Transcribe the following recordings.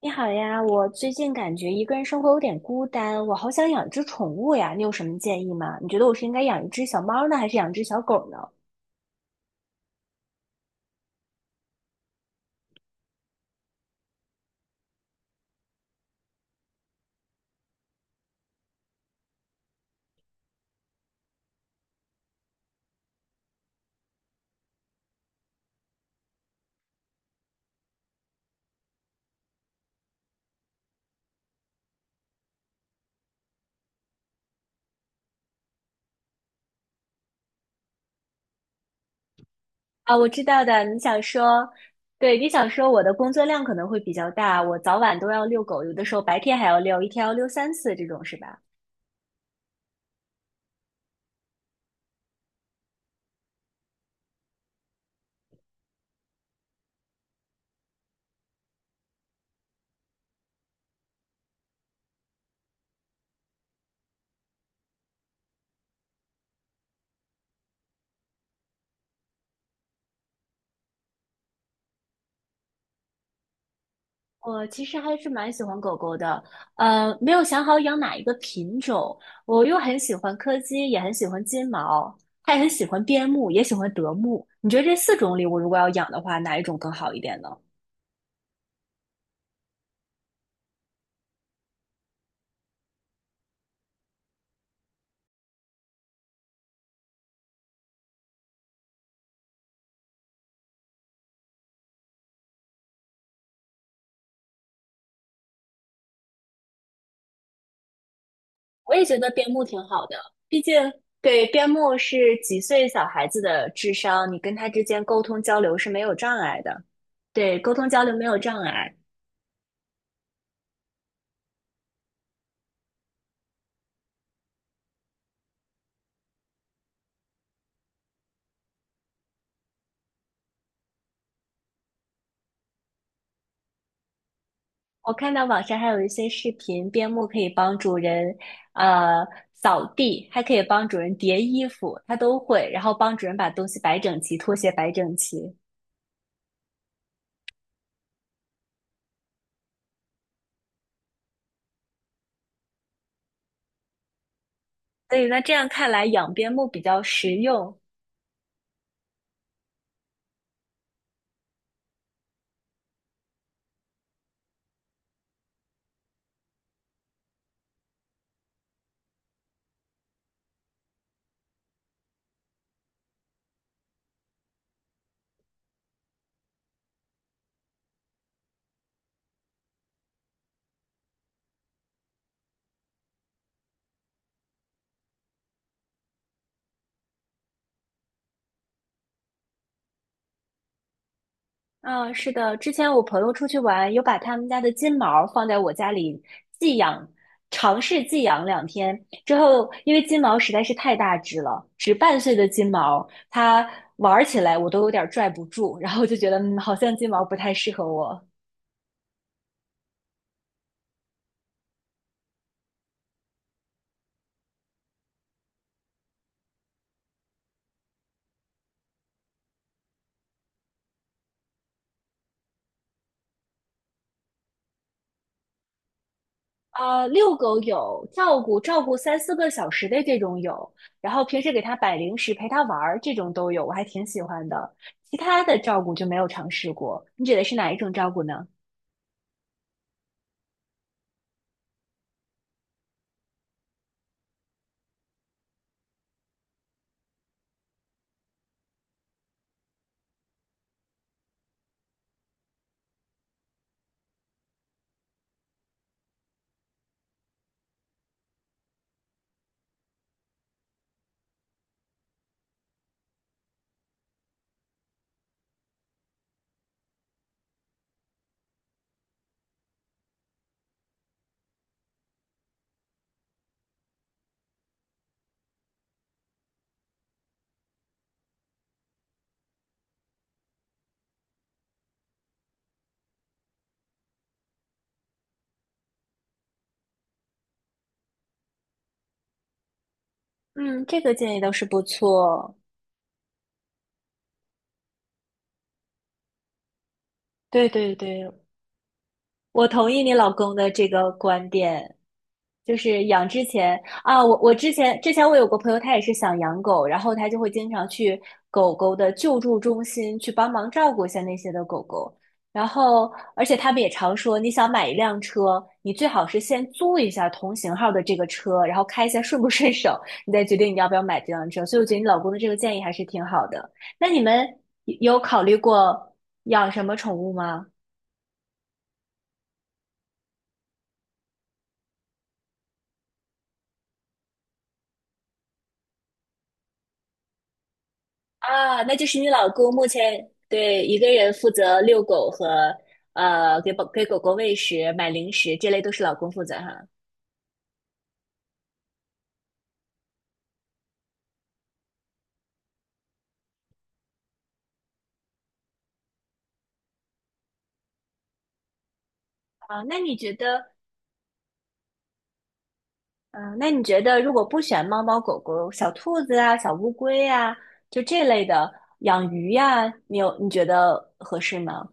你好呀，我最近感觉一个人生活有点孤单，我好想养只宠物呀，你有什么建议吗？你觉得我是应该养一只小猫呢，还是养只小狗呢？啊，我知道的，你想说，对，你想说我的工作量可能会比较大，我早晚都要遛狗，有的时候白天还要遛，一天要遛3次这种是吧？我其实还是蛮喜欢狗狗的，没有想好养哪一个品种。我又很喜欢柯基，也很喜欢金毛，还很喜欢边牧，也喜欢德牧。你觉得这四种里，我如果要养的话，哪一种更好一点呢？我也觉得边牧挺好的，毕竟对边牧是几岁小孩子的智商，你跟他之间沟通交流是没有障碍的。对，沟通交流没有障碍。我看到网上还有一些视频，边牧可以帮主人，呃，扫地，还可以帮主人叠衣服，它都会，然后帮主人把东西摆整齐，拖鞋摆整齐。所以呢，这样看来养边牧比较实用，嗯，是的，之前我朋友出去玩，有把他们家的金毛放在我家里寄养，尝试寄养2天之后，因为金毛实在是太大只了，只半岁的金毛，它玩起来我都有点儿拽不住，然后就觉得，嗯，好像金毛不太适合我。啊，遛狗有，照顾照顾3、4个小时的这种有，然后平时给它摆零食、陪它玩儿这种都有，我还挺喜欢的。其他的照顾就没有尝试过，你指的是哪一种照顾呢？嗯，这个建议倒是不错。对对对，我同意你老公的这个观点，就是养之前啊，我之前我有个朋友，他也是想养狗，然后他就会经常去狗狗的救助中心去帮忙照顾一下那些的狗狗，然后而且他们也常说，你想买一辆车，你最好是先租一下同型号的这个车，然后开一下顺不顺手，你再决定你要不要买这辆车。所以我觉得你老公的这个建议还是挺好的。那你们有考虑过养什么宠物吗？啊，那就是你老公目前对一个人负责遛狗和给狗狗喂食、买零食，这类都是老公负责哈。啊，那你觉得，嗯、那你觉得如果不选猫猫狗狗、小兔子啊、小乌龟啊，就这类的养鱼呀、你有你觉得合适吗？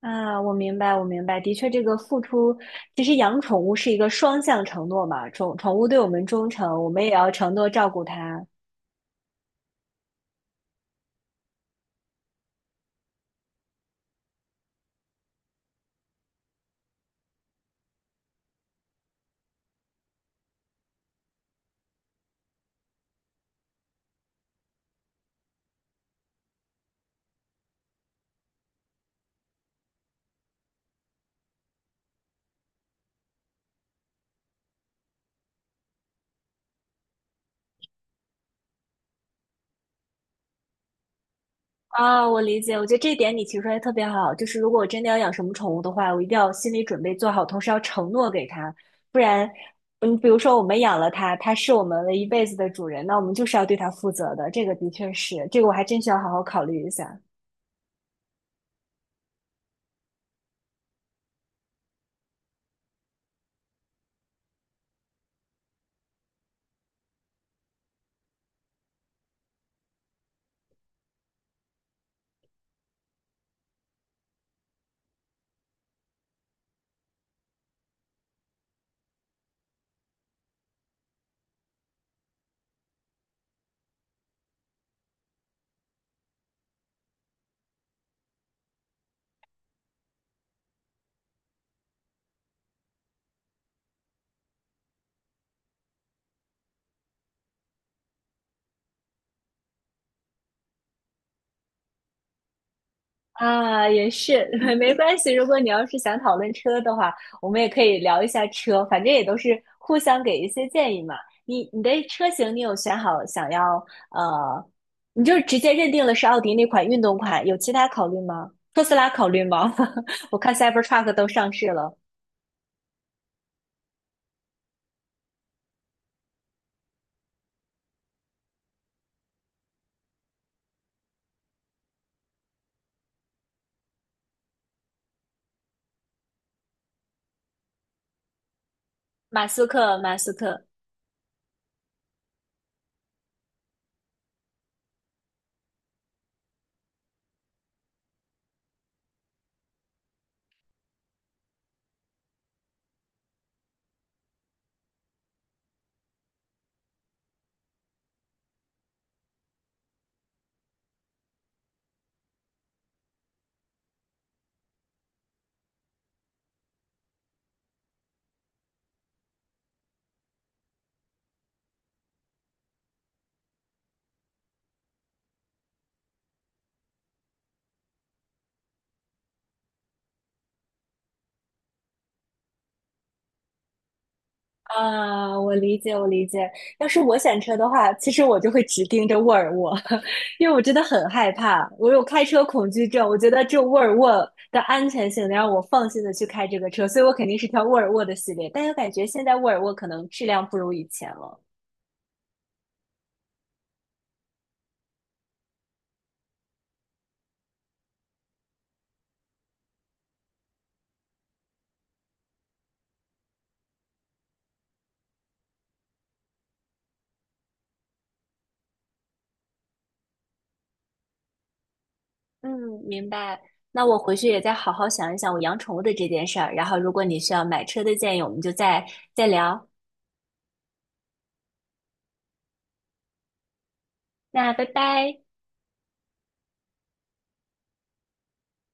啊，我明白，我明白，的确，这个付出，其实养宠物是一个双向承诺嘛，宠物对我们忠诚，我们也要承诺照顾它。啊，我理解，我觉得这一点你提出来特别好，就是如果我真的要养什么宠物的话，我一定要心理准备做好，同时要承诺给它，不然，嗯，比如说我们养了它，它是我们的一辈子的主人，那我们就是要对它负责的，这个的确是，这个我还真需要好好考虑一下。啊，也是，没关系。如果你要是想讨论车的话，我们也可以聊一下车，反正也都是互相给一些建议嘛。你的车型你有选好想要呃，你就直接认定了是奥迪那款运动款，有其他考虑吗？特斯拉考虑吗？我看 Cybertruck 都上市了，马斯克，马斯克，啊，我理解，我理解。要是我选车的话，其实我就会只盯着沃尔沃，因为我真的很害怕，我有开车恐惧症。我觉得这沃尔沃的安全性能让我放心的去开这个车，所以我肯定是挑沃尔沃的系列。但又感觉现在沃尔沃可能质量不如以前了。嗯，明白。那我回去也再好好想一想我养宠物的这件事儿，然后如果你需要买车的建议，我们就再聊。那拜拜。